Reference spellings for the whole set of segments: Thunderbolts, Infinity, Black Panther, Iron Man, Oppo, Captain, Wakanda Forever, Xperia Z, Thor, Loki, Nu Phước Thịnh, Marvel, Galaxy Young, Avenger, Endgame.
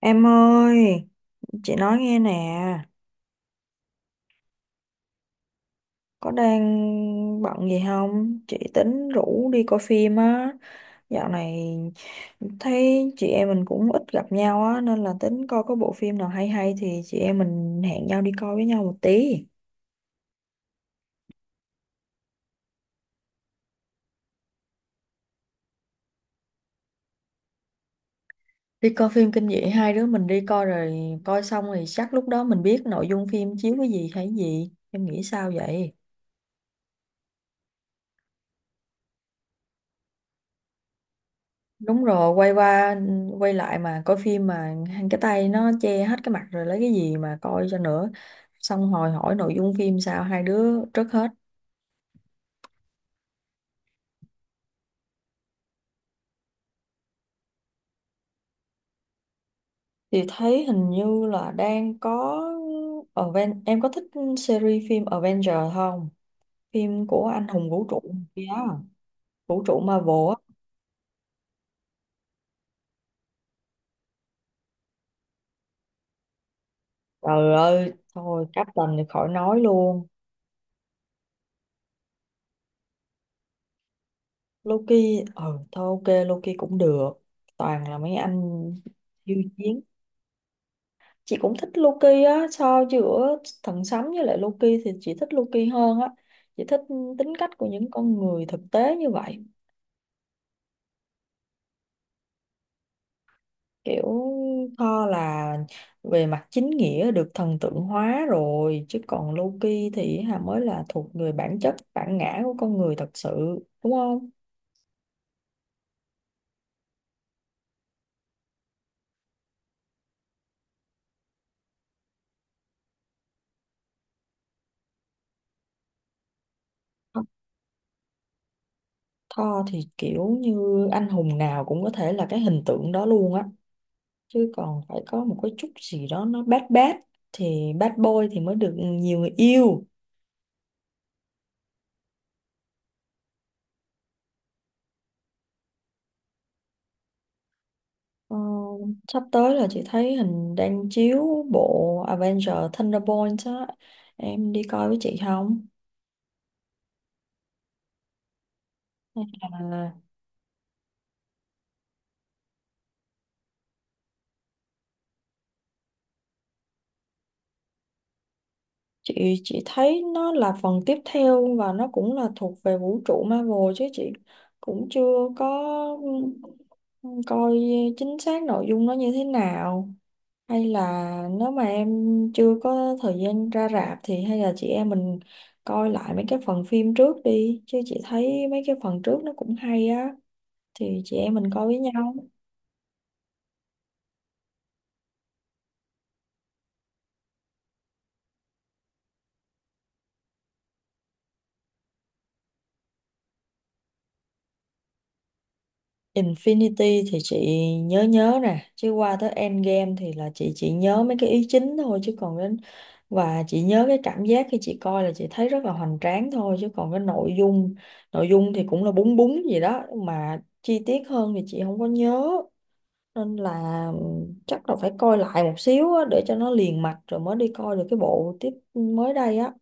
Em ơi, chị nói nghe nè, có đang bận gì không? Chị tính rủ đi coi phim á. Dạo này thấy chị em mình cũng ít gặp nhau á, nên là tính coi có bộ phim nào hay hay thì chị em mình hẹn nhau đi coi với nhau một tí. Đi coi phim kinh dị hai đứa mình đi coi rồi coi xong thì chắc lúc đó mình biết nội dung phim chiếu cái gì hay gì. Em nghĩ sao vậy? Đúng rồi, quay qua quay lại mà coi phim mà cái tay nó che hết cái mặt rồi lấy cái gì mà coi cho nữa. Xong hồi hỏi nội dung phim sao hai đứa trước hết thì thấy hình như là đang có Aven em có thích series phim Avenger không? Phim của anh hùng vũ trụ kia á, vũ trụ Marvel á. Trời ơi, thôi Captain thì khỏi nói luôn. Loki, ừ thôi ok Loki cũng được. Toàn là mấy anh siêu chiến, chị cũng thích Loki á, so giữa thần sấm với lại Loki thì chị thích Loki hơn á. Chị thích tính cách của những con người thực tế như vậy. Kiểu Thor là về mặt chính nghĩa được thần tượng hóa rồi chứ còn Loki thì hà mới là thuộc người bản chất bản ngã của con người thật sự, đúng không? Thor thì kiểu như anh hùng nào cũng có thể là cái hình tượng đó luôn á, chứ còn phải có một cái chút gì đó nó bad bad thì bad boy thì mới được nhiều người yêu. Ờ, sắp tới là chị thấy hình đang chiếu bộ Avenger Thunderbolts á, em đi coi với chị không? Hay là chị thấy nó là phần tiếp theo và nó cũng là thuộc về vũ trụ Marvel chứ chị cũng chưa có, ừ, coi chính xác nội dung nó như thế nào. Hay là nếu mà em chưa có thời gian ra rạp thì hay là chị em mình coi lại mấy cái phần phim trước đi chứ chị thấy mấy cái phần trước nó cũng hay á, thì chị em mình coi với nhau. Infinity thì chị nhớ nhớ nè chứ qua tới Endgame thì là chị chỉ nhớ mấy cái ý chính thôi chứ còn đến, và chị nhớ cái cảm giác khi chị coi là chị thấy rất là hoành tráng thôi chứ còn cái nội dung thì cũng là búng búng gì đó mà chi tiết hơn thì chị không có nhớ, nên là chắc là phải coi lại một xíu á, để cho nó liền mạch rồi mới đi coi được cái bộ tiếp mới đây á.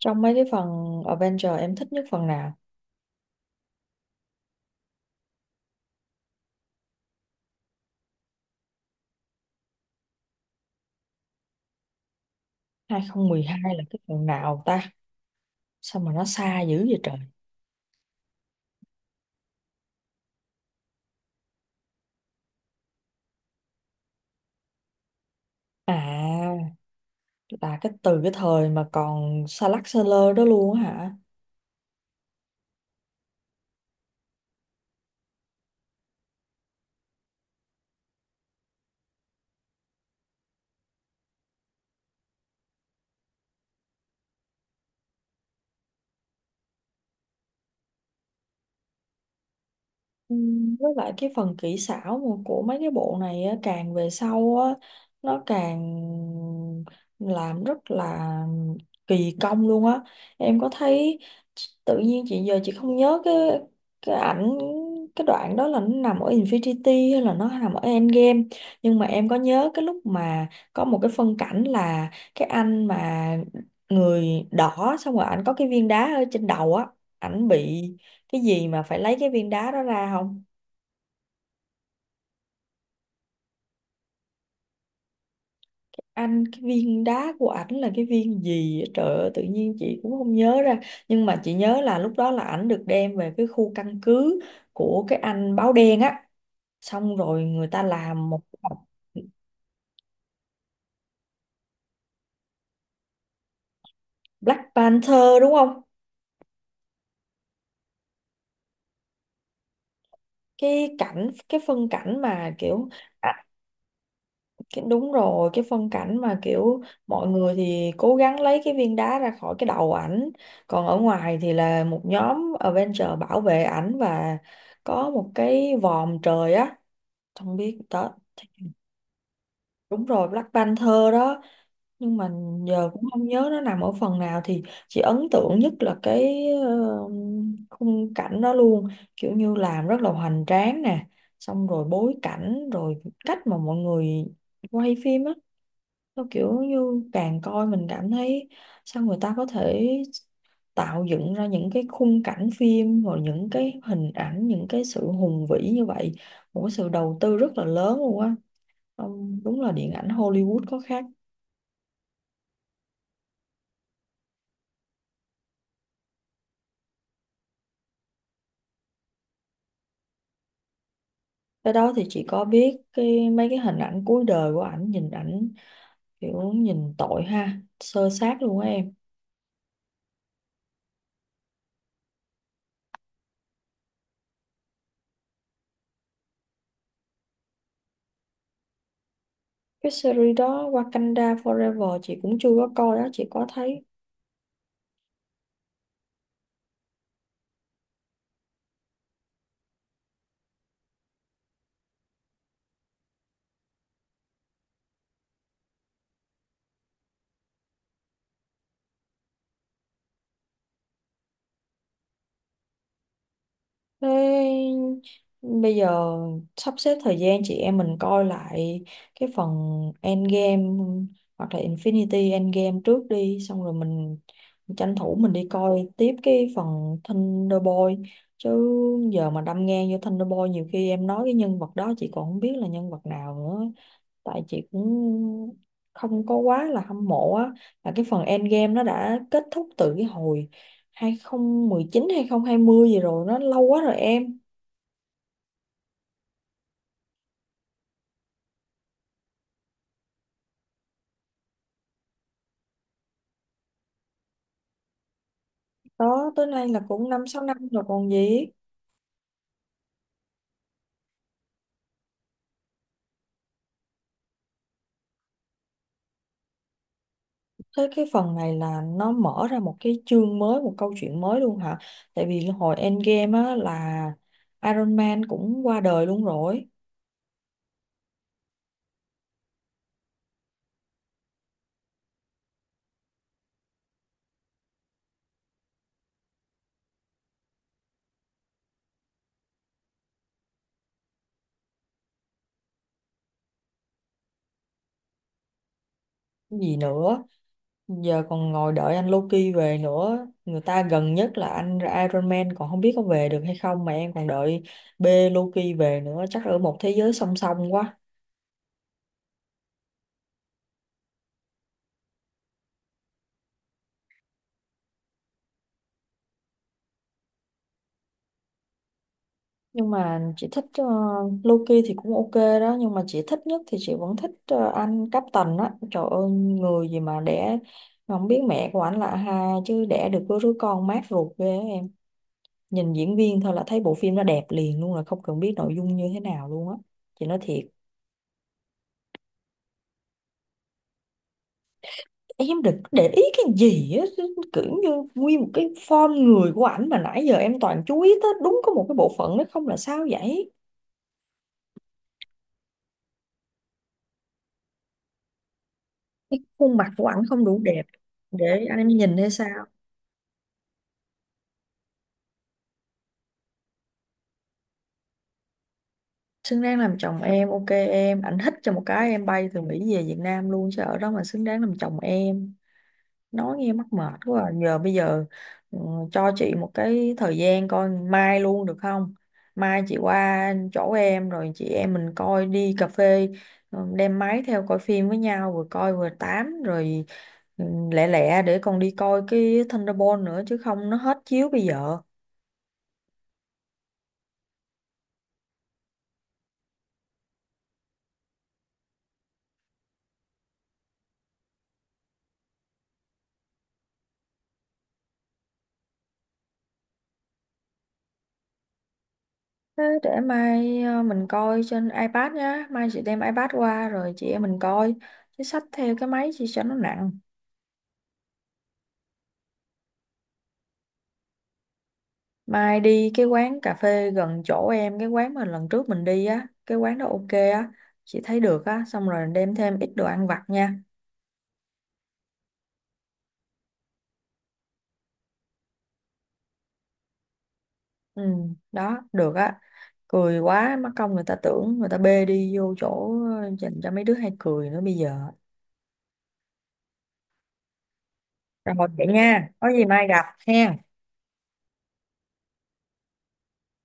Trong mấy cái phần Avenger em thích nhất phần nào? 2012 là cái phần nào ta, sao mà nó xa dữ vậy trời? À, là cái từ cái thời mà còn Sa lắc Sơ lơ đó luôn á hả? Với lại cái phần kỹ xảo mà của mấy cái bộ này á, càng về sau á, nó càng làm rất là kỳ công luôn á. Em có thấy tự nhiên chị giờ chị không nhớ cái ảnh cái đoạn đó là nó nằm ở Infinity hay là nó nằm ở Endgame, nhưng mà em có nhớ cái lúc mà có một cái phân cảnh là cái anh mà người đỏ xong rồi ảnh có cái viên đá ở trên đầu á, ảnh bị cái gì mà phải lấy cái viên đá đó ra không? Anh cái viên đá của ảnh là cái viên gì á? Trời ơi tự nhiên chị cũng không nhớ ra, nhưng mà chị nhớ là lúc đó là ảnh được đem về cái khu căn cứ của cái anh báo đen á, xong rồi người ta làm một cái tập. Black Panther đúng không? Cái cảnh cái phân cảnh mà kiểu à, cái đúng rồi, cái phân cảnh mà kiểu mọi người thì cố gắng lấy cái viên đá ra khỏi cái đầu ảnh, còn ở ngoài thì là một nhóm Avenger bảo vệ ảnh và có một cái vòm trời á, không biết đó. Đúng rồi Black Panther đó, nhưng mà giờ cũng không nhớ nó nằm ở phần nào thì chị ấn tượng nhất là cái khung cảnh đó luôn, kiểu như làm rất là hoành tráng nè, xong rồi bối cảnh rồi cách mà mọi người quay phim á, nó kiểu như càng coi mình cảm thấy sao người ta có thể tạo dựng ra những cái khung cảnh phim rồi những cái hình ảnh những cái sự hùng vĩ như vậy, một cái sự đầu tư rất là lớn luôn á. Ông- đúng là điện ảnh Hollywood có khác. Cái đó thì chị có biết, cái mấy cái hình ảnh cuối đời của ảnh nhìn ảnh kiểu nhìn tội ha sơ sát luôn á em. Cái series đó Wakanda Forever chị cũng chưa có coi đó chị có thấy. Thế bây giờ sắp xếp thời gian chị em mình coi lại cái phần Endgame hoặc là Infinity Endgame trước đi xong rồi mình tranh thủ mình đi coi tiếp cái phần Thunderbolt, chứ giờ mà đâm ngang vô Thunderbolt nhiều khi em nói cái nhân vật đó chị còn không biết là nhân vật nào nữa, tại chị cũng không có quá là hâm mộ á. Là cái phần Endgame nó đã kết thúc từ cái hồi 2019 2020 gì rồi, nó lâu quá rồi em. Đó tới nay là cũng năm sáu năm rồi còn gì. Tới cái phần này là nó mở ra một cái chương mới, một câu chuyện mới luôn hả? Tại vì hồi Endgame á là Iron Man cũng qua đời luôn rồi. Gì nữa, giờ còn ngồi đợi anh Loki về nữa, người ta gần nhất là anh Iron Man còn không biết có về được hay không mà em còn đợi B Loki về nữa, chắc ở một thế giới song song quá. Nhưng mà chị thích Loki thì cũng ok đó, nhưng mà chị thích nhất thì chị vẫn thích anh Captain á, trời ơi người gì mà đẻ không biết mẹ của anh là ai chứ đẻ được có đứa con mát ruột ghê á em. Nhìn diễn viên thôi là thấy bộ phim nó đẹp liền luôn là không cần biết nội dung như thế nào luôn á, chị nói thiệt. Em đừng có để ý cái gì á, kiểu như nguyên một cái form người của ảnh mà nãy giờ em toàn chú ý tới đúng có một cái bộ phận nó không là sao vậy? Cái khuôn mặt của ảnh không đủ đẹp để anh em nhìn hay sao? Xứng đáng làm chồng em ok em, ảnh thích cho một cái em bay từ Mỹ về Việt Nam luôn chứ ở đó mà xứng đáng làm chồng em, nói nghe mắc mệt quá à. Giờ bây giờ ừ, cho chị một cái thời gian coi mai luôn được không? Mai chị qua chỗ em rồi chị em mình coi, đi cà phê, đem máy theo coi phim với nhau vừa coi vừa tám rồi, ừ, lẹ lẹ để còn đi coi cái Thunderbolt nữa chứ không nó hết chiếu bây giờ. Thế để mai mình coi trên iPad nhá. Mai chị đem iPad qua rồi chị em mình coi. Chứ xách theo cái máy chị cho nó nặng. Mai đi cái quán cà phê gần chỗ em, cái quán mà lần trước mình đi á. Cái quán đó ok á. Chị thấy được á. Xong rồi đem thêm ít đồ ăn vặt nha. Ừ, đó, được á. Cười quá, mắc công người ta tưởng người ta bê đi vô chỗ dành cho mấy đứa hay cười nữa bây giờ. Rồi, vậy nha. Có gì mai gặp ha.